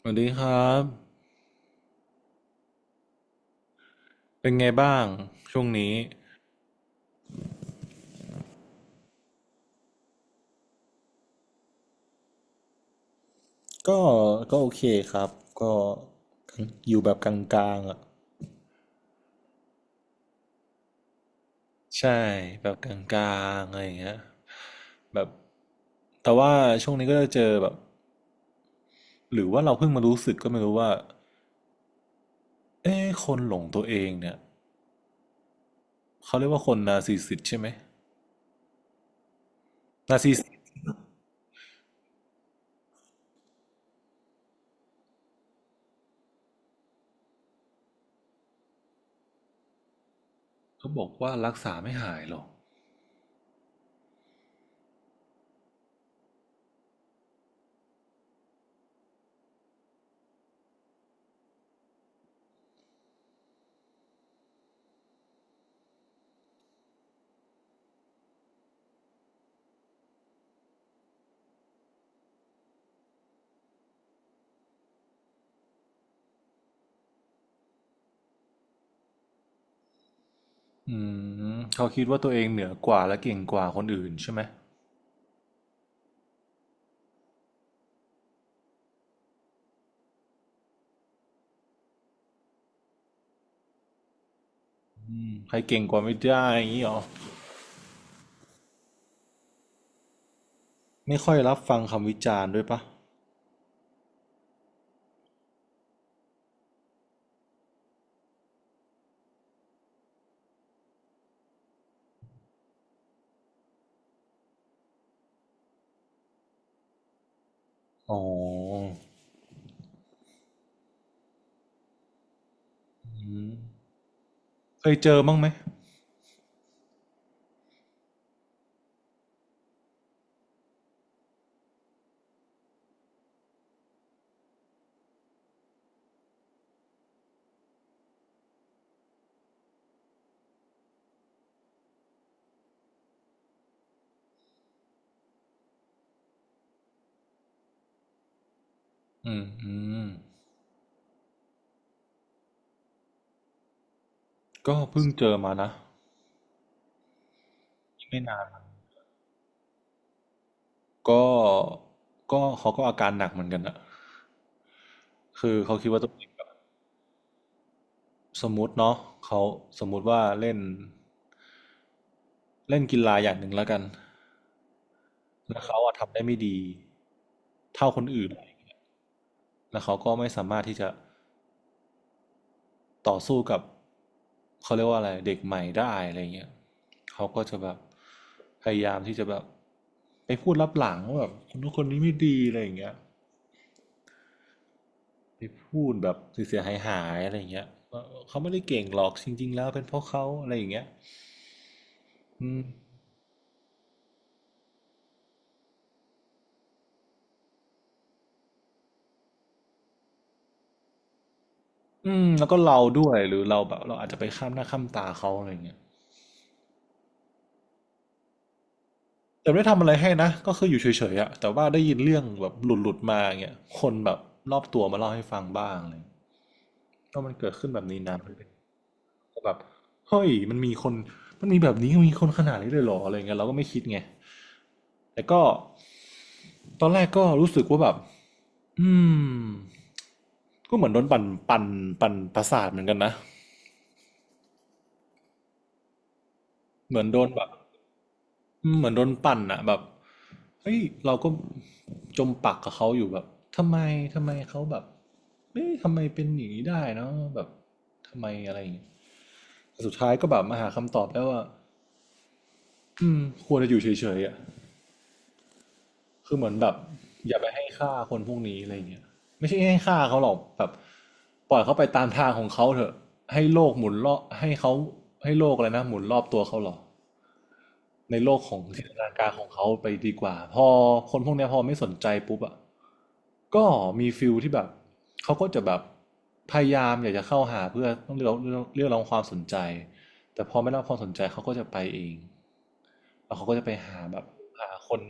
สวัสดีครับเป็นไงบ้างช่วงนี้ก็ก็โอเคครับก็อยู่แบบกลางๆอ่ะใช่แบบกลางๆอะไรอย่างเงี้ยแบบแต่ว่าช่วงนี้ก็จะเจอแบบหรือว่าเราเพิ่งมารู้สึกก็ไม่รู้ว่าเอ๊ะคนหลงตัวเองเนี่ยเขาเรียกว่าคนนาร์ซิสซิสตใช่ไหมนาร์ซิสซิสตเขาบอกว่ารักษาไม่หายหรอกอืเขาคิดว่าตัวเองเหนือกว่าและเก่งกว่าคนอื่นใช่ไหมอืมใครเก่งกว่าไม่ได้อย่างนี้หรอ ไม่ค่อยรับฟังคำวิจารณ์ด้วยปะอ๋ออืมเคยเจอบ้างไหมอืมอืมก็เพิ่งเจอมานะไม่นานนะก็ก็เขาก็อาการหนักเหมือนกันอะคือเขาคิดว่าตัวเองแบบสมมติเนาะเขาสมมุติว่าเล่นเล่นกีฬาอย่างหนึ่งแล้วกัน แล้วเขาอะทำได้ไม่ดีเท่าคนอื่น แล้วเขาก็ไม่สามารถที่จะ ต่อสู้กับเขาเรียกว่าอะไรเด็กใหม่ได้อะไรเงี้ยเขาก็จะแบบพยายามที่จะแบบไปพูดลับหลังว่าแบบคนนู้นคนนี้ไม่ดีอะไรอย่างเงี้ยไปพูดแบบเสียหายหายอะไรอย่างเงี้ย่เขาไม่ได้เก่งหรอกจริงๆแล้วเป็นเพราะเขาอะไรอย่างเงี้ยอืมอืมแล้วก็เราด้วยหรือเราแบบเราอาจจะไปข้ามหน้าข้ามตาเขาอะไรอย่างเงี้ยแต่ไม่ได้ทำอะไรให้นะก็คืออยู่เฉยๆอะแต่ว่าได้ยินเรื่องแบบหลุดๆมาอย่างเงี้ยคนแบบรอบตัวมาเล่าให้ฟังบ้างเลยก็มันเกิดขึ้นแบบนี้นะ แบบเฮ้ยมันมีคนมันมีแบบนี้มีคนขนาดนี้เลยเหรออะไรเงี้ยเราก็ไม่คิดไงแต่ก็ตอนแรกก็รู้สึกว่าแบบอืมก็เหมือนโดนปั่นปั่นปั่นประสาทเหมือนกันนะเหมือนโดนแบบอืมเหมือนโดนปั่นอะแบบเฮ้ยเราก็จมปักกับเขาอยู่แบบทำไมเขาแบบเอ๊ะทำไมเป็นอย่างนี้ได้เนาะแบบทำไมอะไรอย่างเงี้ยแต่สุดท้ายก็แบบมาหาคำตอบแล้วว่าอืมควรจะอยู่เฉยๆอะ คือเหมือนแบบอย่าไปให้ค่าคนพวกนี้อะไรเงี้ยไม่ใช่ให้ค่าเขาหรอกแบบปล่อยเขาไปตามทางของเขาเถอะให้โลกหมุนรอบให้เขาให้โลกอะไรนะหมุนรอบตัวเขาหรอ ในโลกของจินตนาการของเขาไปดีกว่าพอคนพวกเนี้ยพอไม่สนใจปุ๊บอ่ะก็มีฟิลที่แบบเขาก็จะแบบพยายามอยากจะเข้าหาเพื่อต้องเรียกร้องเรียกร้องความสนใจแต่พอไม่ได้รับความสนใจเขาก็จะไปเองแล้วเขาก็จะไปหาแบบหาคน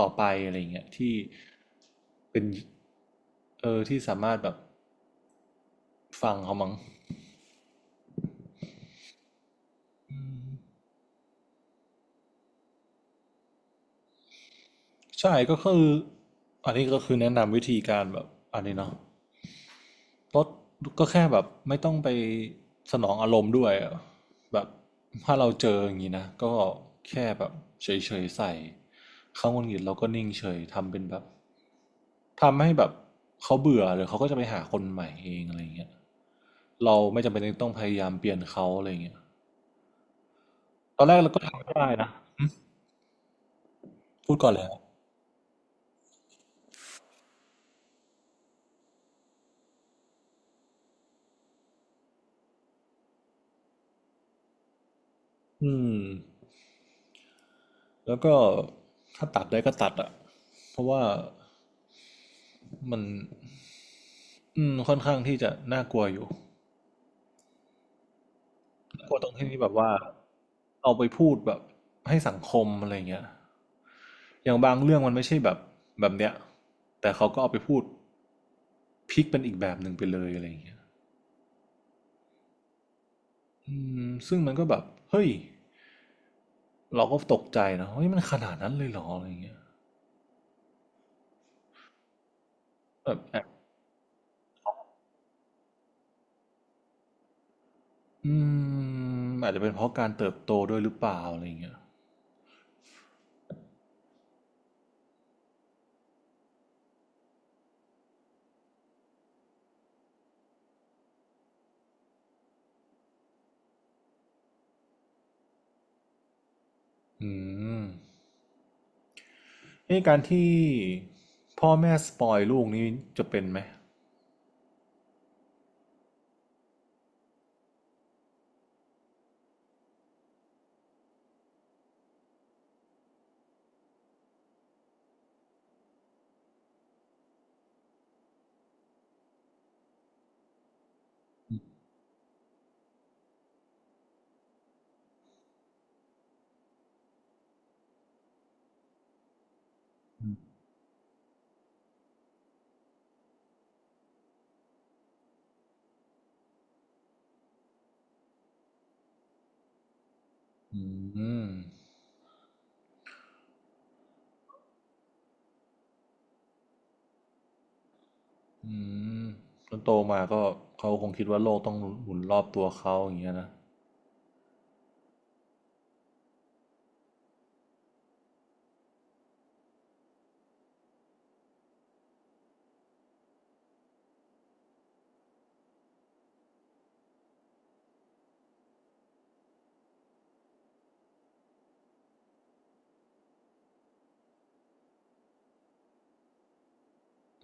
ต่อไปอะไรเงี้ยที่เป็นเออที่สามารถแบบฟังเขามั้งใช่ก็คืออันนี้ก็คือแนะนำวิธีการแบบอันนี้เนาะ ลดก็แค่แบบไม่ต้องไปสนองอารมณ์ด้วยอะแบบถ้าเราเจออย่างนี้นะก็แค่แบบเฉยๆใส่เขาหงุดหงิดเราก็นิ่งเฉยทำเป็นแบบทำให้แบบเขาเบื่อหรือเขาก็จะไปหาคนใหม่เองอะไรอย่างเงี้ยเราไม่จำเป็นต้องพยายามเปลี่ยนเขาอะไรอย่างเงี้ยตอนแรกเราก็ทำได้นะพูดก่อนแล้วอืมแล้วก็ถ้าตัดได้ก็ตัดอะเพราะว่ามันค่อนข้างที่จะน่ากลัวอยู่ กลัวตรงที่แบบว่าเอาไปพูดแบบให้สังคมอะไรเงี้ยอย่างบางเรื่องมันไม่ใช่แบบแบบเนี้ยแต่เขาก็เอาไปพูดพลิกเป็นอีกแบบหนึ่งไปเลยอะไรเงี้ยอืซึ่งมันก็แบบเฮ้ยเราก็ตกใจนะเฮ้ยมันขนาดนั้นเลยเหรออะไรเงี้ยแบบแอบอือาจจะเป็นเพราะการเติบโตด้วยหรือเปล่าอะไรเงี้ยอืมไอ้การที่พ่อแม่สปอยลูกนี่จะเป็นไหมอืม อืมจนโตมาก็เขาคงคิดว่าโลกต้องหมุนรอบตัวเขาอย่างเงี้ยนะ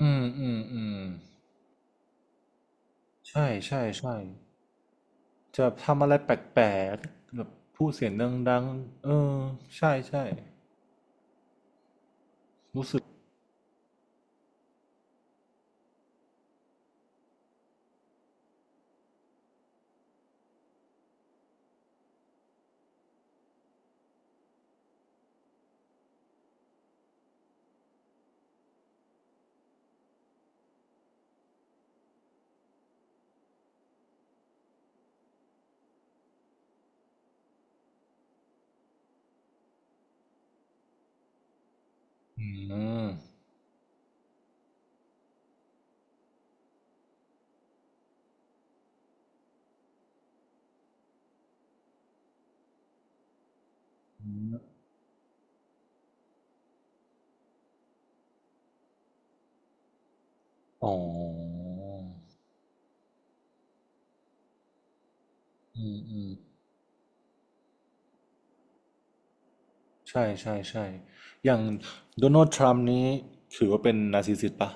อืมอืม อืม ใช่ ใช่ ใช่ จะทำอะไรแปลกๆแบบพูดเสียงดังๆเออ ใช่ ใช่ รู้สึก อืมอ๋ออืม อืม ใช่ ใช่ ใช่ อย่างโดนัลด์ทรัมป์นี้ถือว่าเป็นนาร์ซิสซิสต์ปะ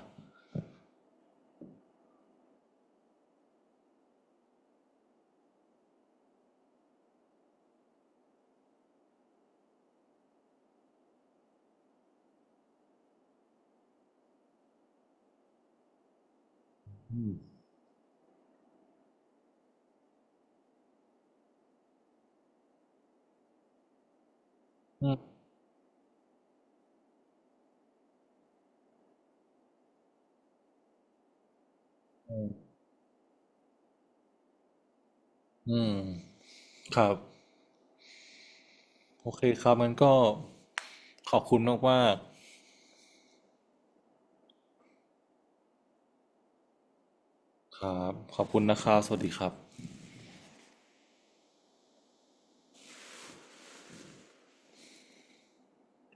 อืม อืม ครับ โอเคครับงั้นก็ขอบคุณมากๆ ครับขอบคุณนะครับสวัสดีครับ